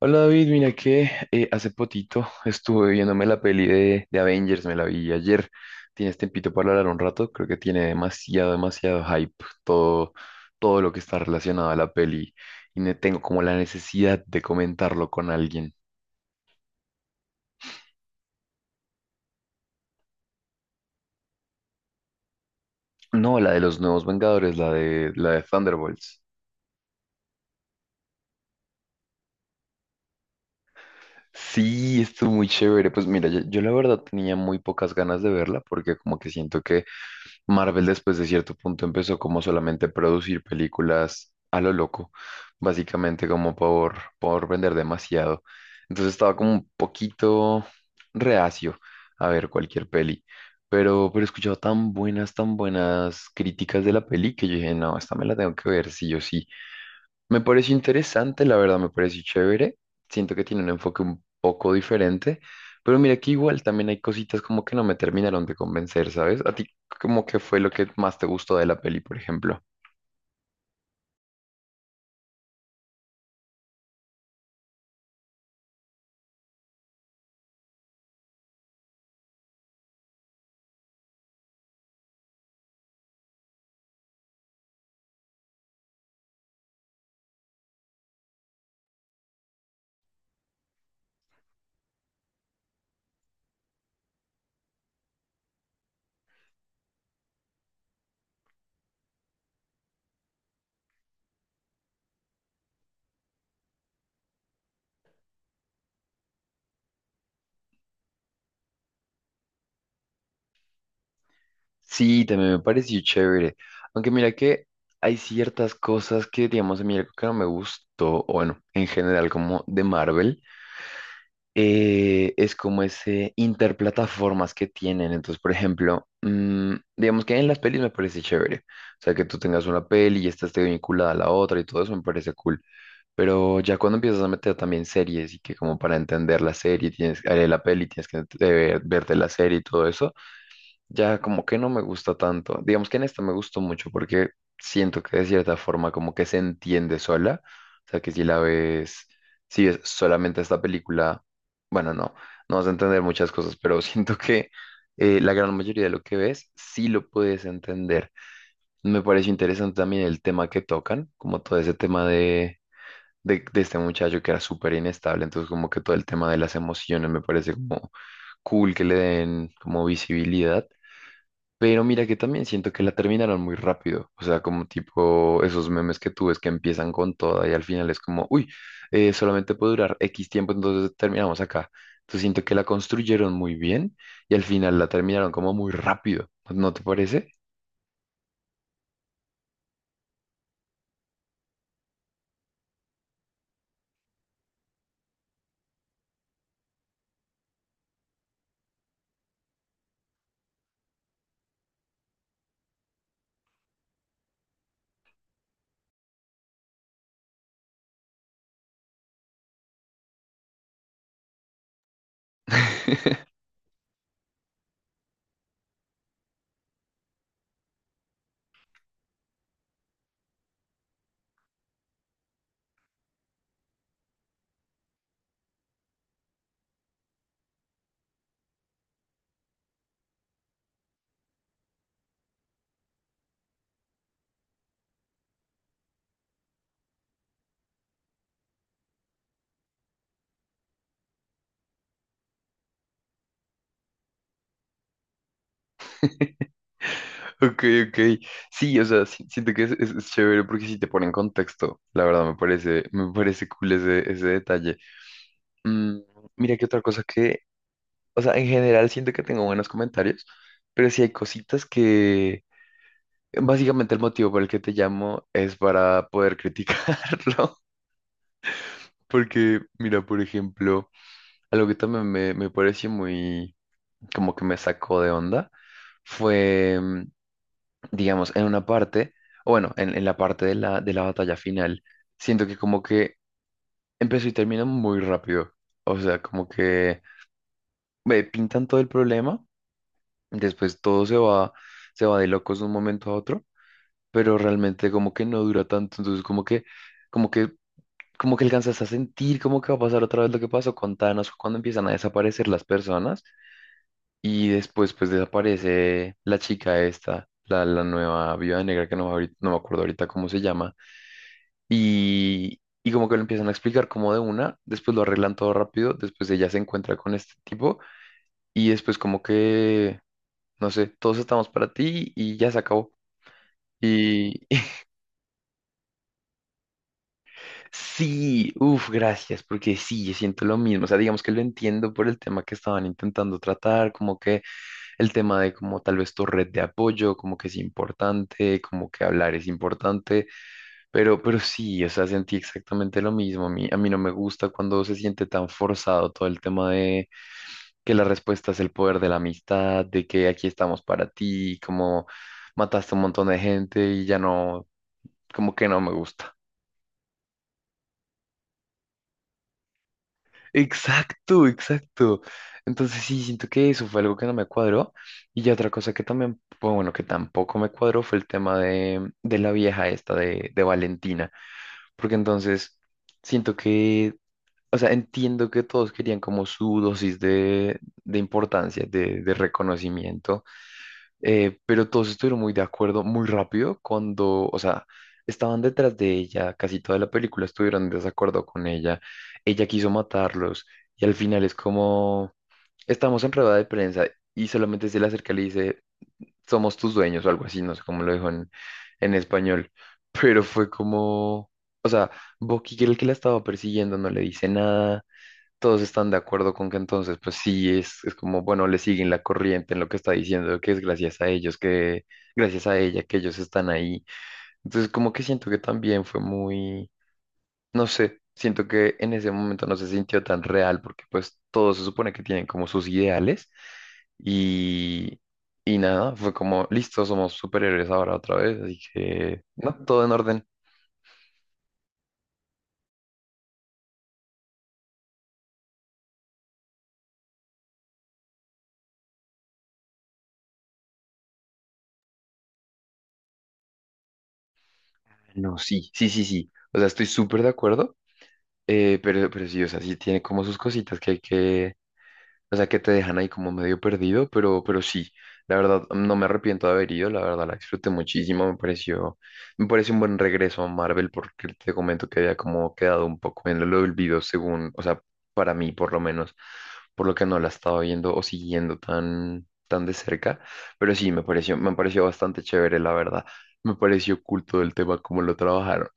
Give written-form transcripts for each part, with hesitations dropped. Hola David, mira que hace potito estuve viéndome la peli de Avengers, me la vi ayer. ¿Tienes tiempito para hablar un rato? Creo que tiene demasiado hype todo, todo lo que está relacionado a la peli y tengo como la necesidad de comentarlo con alguien. No, la de los nuevos Vengadores, la la de Thunderbolts. Sí, estuvo muy chévere. Pues mira, yo la verdad tenía muy pocas ganas de verla porque como que siento que Marvel después de cierto punto empezó como solamente a producir películas a lo loco, básicamente como por vender demasiado. Entonces estaba como un poquito reacio a ver cualquier peli, pero he escuchado tan buenas críticas de la peli que yo dije, no, esta me la tengo que ver sí o sí. Me pareció interesante, la verdad, me pareció chévere. Siento que tiene un enfoque un poco diferente, pero mira que igual también hay cositas como que no me terminaron de convencer, ¿sabes? ¿A ti como que fue lo que más te gustó de la peli, por ejemplo? Sí, también me pareció chévere. Aunque mira que hay ciertas cosas que, digamos, a mí algo que no me gustó, o bueno, en general como de Marvel. Es como ese interplataformas que tienen. Entonces, por ejemplo, digamos que en las pelis me parece chévere. O sea, que tú tengas una peli y esta esté vinculada a la otra y todo eso me parece cool. Pero ya cuando empiezas a meter también series y que como para entender la serie, tienes, la peli, tienes que verte la serie y todo eso, ya como que no me gusta tanto. Digamos que en esta me gustó mucho porque siento que de cierta forma como que se entiende sola. O sea, que si la ves, si ves solamente esta película, bueno, no, no vas a entender muchas cosas, pero siento que la gran mayoría de lo que ves sí lo puedes entender. Me pareció interesante también el tema que tocan, como todo ese tema de... de este muchacho que era súper inestable, entonces como que todo el tema de las emociones me parece como cool que le den como visibilidad, pero mira que también siento que la terminaron muy rápido. O sea, como tipo esos memes que tú ves que empiezan con toda y al final es como, uy, solamente puede durar X tiempo, entonces terminamos acá. Entonces siento que la construyeron muy bien y al final la terminaron como muy rápido. ¿No te parece? Ok, ok. Sí, o sea, siento que es chévere porque sí te pone en contexto. La verdad, me parece cool ese detalle. Mm, mira que otra cosa que... O sea, en general siento que tengo buenos comentarios, pero sí hay cositas que... Básicamente el motivo por el que te llamo es para poder criticarlo. Porque, mira, por ejemplo, algo que también me pareció muy, como que me sacó de onda, fue, digamos, en una parte, o bueno, en la parte de de la batalla final, siento que como que empezó y terminó muy rápido. O sea, como que me pintan todo el problema. Después todo se va de locos de un momento a otro, pero realmente como que no dura tanto, entonces como que, como que, como que alcanzas a sentir como que va a pasar otra vez lo que pasó con Thanos cuando empiezan a desaparecer las personas y después pues desaparece la chica esta, la nueva viuda negra que no, no me acuerdo ahorita cómo se llama y como que lo empiezan a explicar como de una, después lo arreglan todo rápido, después ella se encuentra con este tipo y después como que, no sé, todos estamos para ti y ya se acabó. Y sí, uff, gracias, porque sí, yo siento lo mismo. O sea, digamos que lo entiendo por el tema que estaban intentando tratar, como que el tema de como tal vez tu red de apoyo, como que es importante, como que hablar es importante, pero sí, o sea, sentí exactamente lo mismo. A mí no me gusta cuando se siente tan forzado todo el tema de que la respuesta es el poder de la amistad, de que aquí estamos para ti, como mataste un montón de gente y ya no, como que no me gusta. Exacto, exacto. Entonces sí, siento que eso fue algo que no me cuadró. Y ya otra cosa que también, pues, bueno, que tampoco me cuadró fue el tema de la vieja esta de Valentina. Porque entonces siento que, o sea, entiendo que todos querían como su dosis de importancia, de reconocimiento. Pero todos estuvieron muy de acuerdo muy rápido cuando, o sea, estaban detrás de ella, casi toda la película estuvieron en desacuerdo con ella, ella quiso matarlos y al final es como, estamos en rueda de prensa y solamente se le acerca y le dice, somos tus dueños o algo así, no sé cómo lo dijo en español, pero fue como, o sea, Bucky, que era el que la estaba persiguiendo, no le dice nada, todos están de acuerdo con que entonces, pues sí, es como, bueno, le siguen la corriente en lo que está diciendo, que es gracias a ellos, que gracias a ella, que ellos están ahí. Entonces, como que siento que también fue muy, no sé, siento que en ese momento no se sintió tan real, porque pues todos se supone que tienen como sus ideales y, y nada, fue como, listo, somos superhéroes ahora otra vez, así que, no, todo en orden. No, sí, sí, sí, sí. O sea, estoy súper de acuerdo. Pero sí, o sea, sí tiene como sus cositas que hay que, o sea, que te dejan ahí como medio perdido, pero sí, la verdad, no me arrepiento de haber ido, la verdad, la disfruté muchísimo, me pareció, me parece un buen regreso a Marvel porque te comento que había como quedado un poco en el olvido según, o sea, para mí por lo menos, por lo que no la estaba viendo o siguiendo tan de cerca, pero sí, me pareció bastante chévere, la verdad, me pareció culto el tema, cómo lo trabajaron.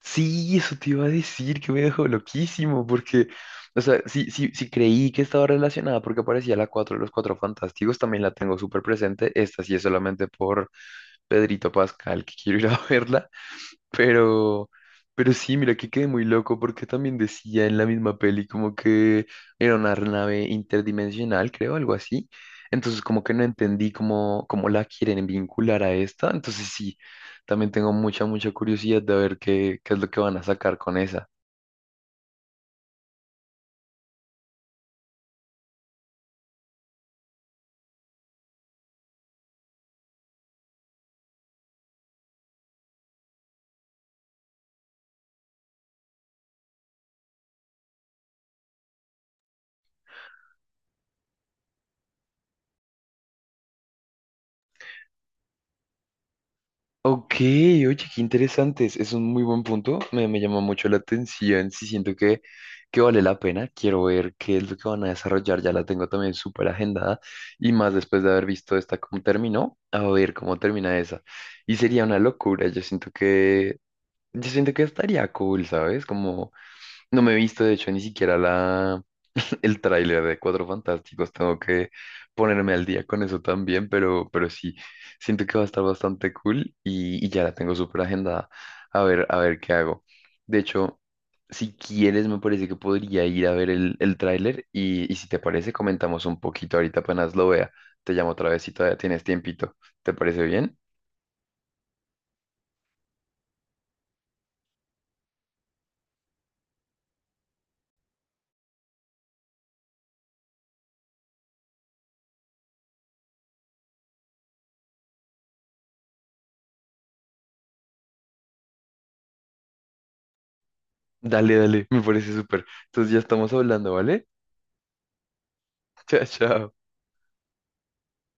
Sí, eso te iba a decir que me dejó loquísimo, porque, o sea, sí creí que estaba relacionada porque aparecía la 4, de los Cuatro Fantásticos, también la tengo súper presente, esta sí es solamente por Pedrito Pascal, que quiero ir a verla, pero, pero sí, mira que quedé muy loco porque también decía en la misma peli como que era una nave interdimensional, creo, algo así, entonces como que no entendí cómo, cómo la quieren vincular a esta, entonces sí. También tengo mucha curiosidad de ver qué, qué es lo que van a sacar con esa. Ok, oye, qué interesantes. Es un muy buen punto. Me llama mucho la atención. Sí, siento que vale la pena. Quiero ver qué es lo que van a desarrollar. Ya la tengo también súper agendada. Y más después de haber visto esta cómo terminó, a ver cómo termina esa. Y sería una locura. Yo siento que estaría cool, ¿sabes? Como no me he visto, de hecho, ni siquiera la el tráiler de Cuatro Fantásticos. Tengo que ponerme al día con eso también, pero sí, siento que va a estar bastante cool y ya la tengo súper agendada. A ver qué hago. De hecho, si quieres, me parece que podría ir a ver el tráiler y si te parece, comentamos un poquito ahorita apenas lo vea. Te llamo otra vez si todavía tienes tiempito. ¿Te parece bien? Dale, dale, me parece súper. Entonces ya estamos hablando, ¿vale? Chao, chao.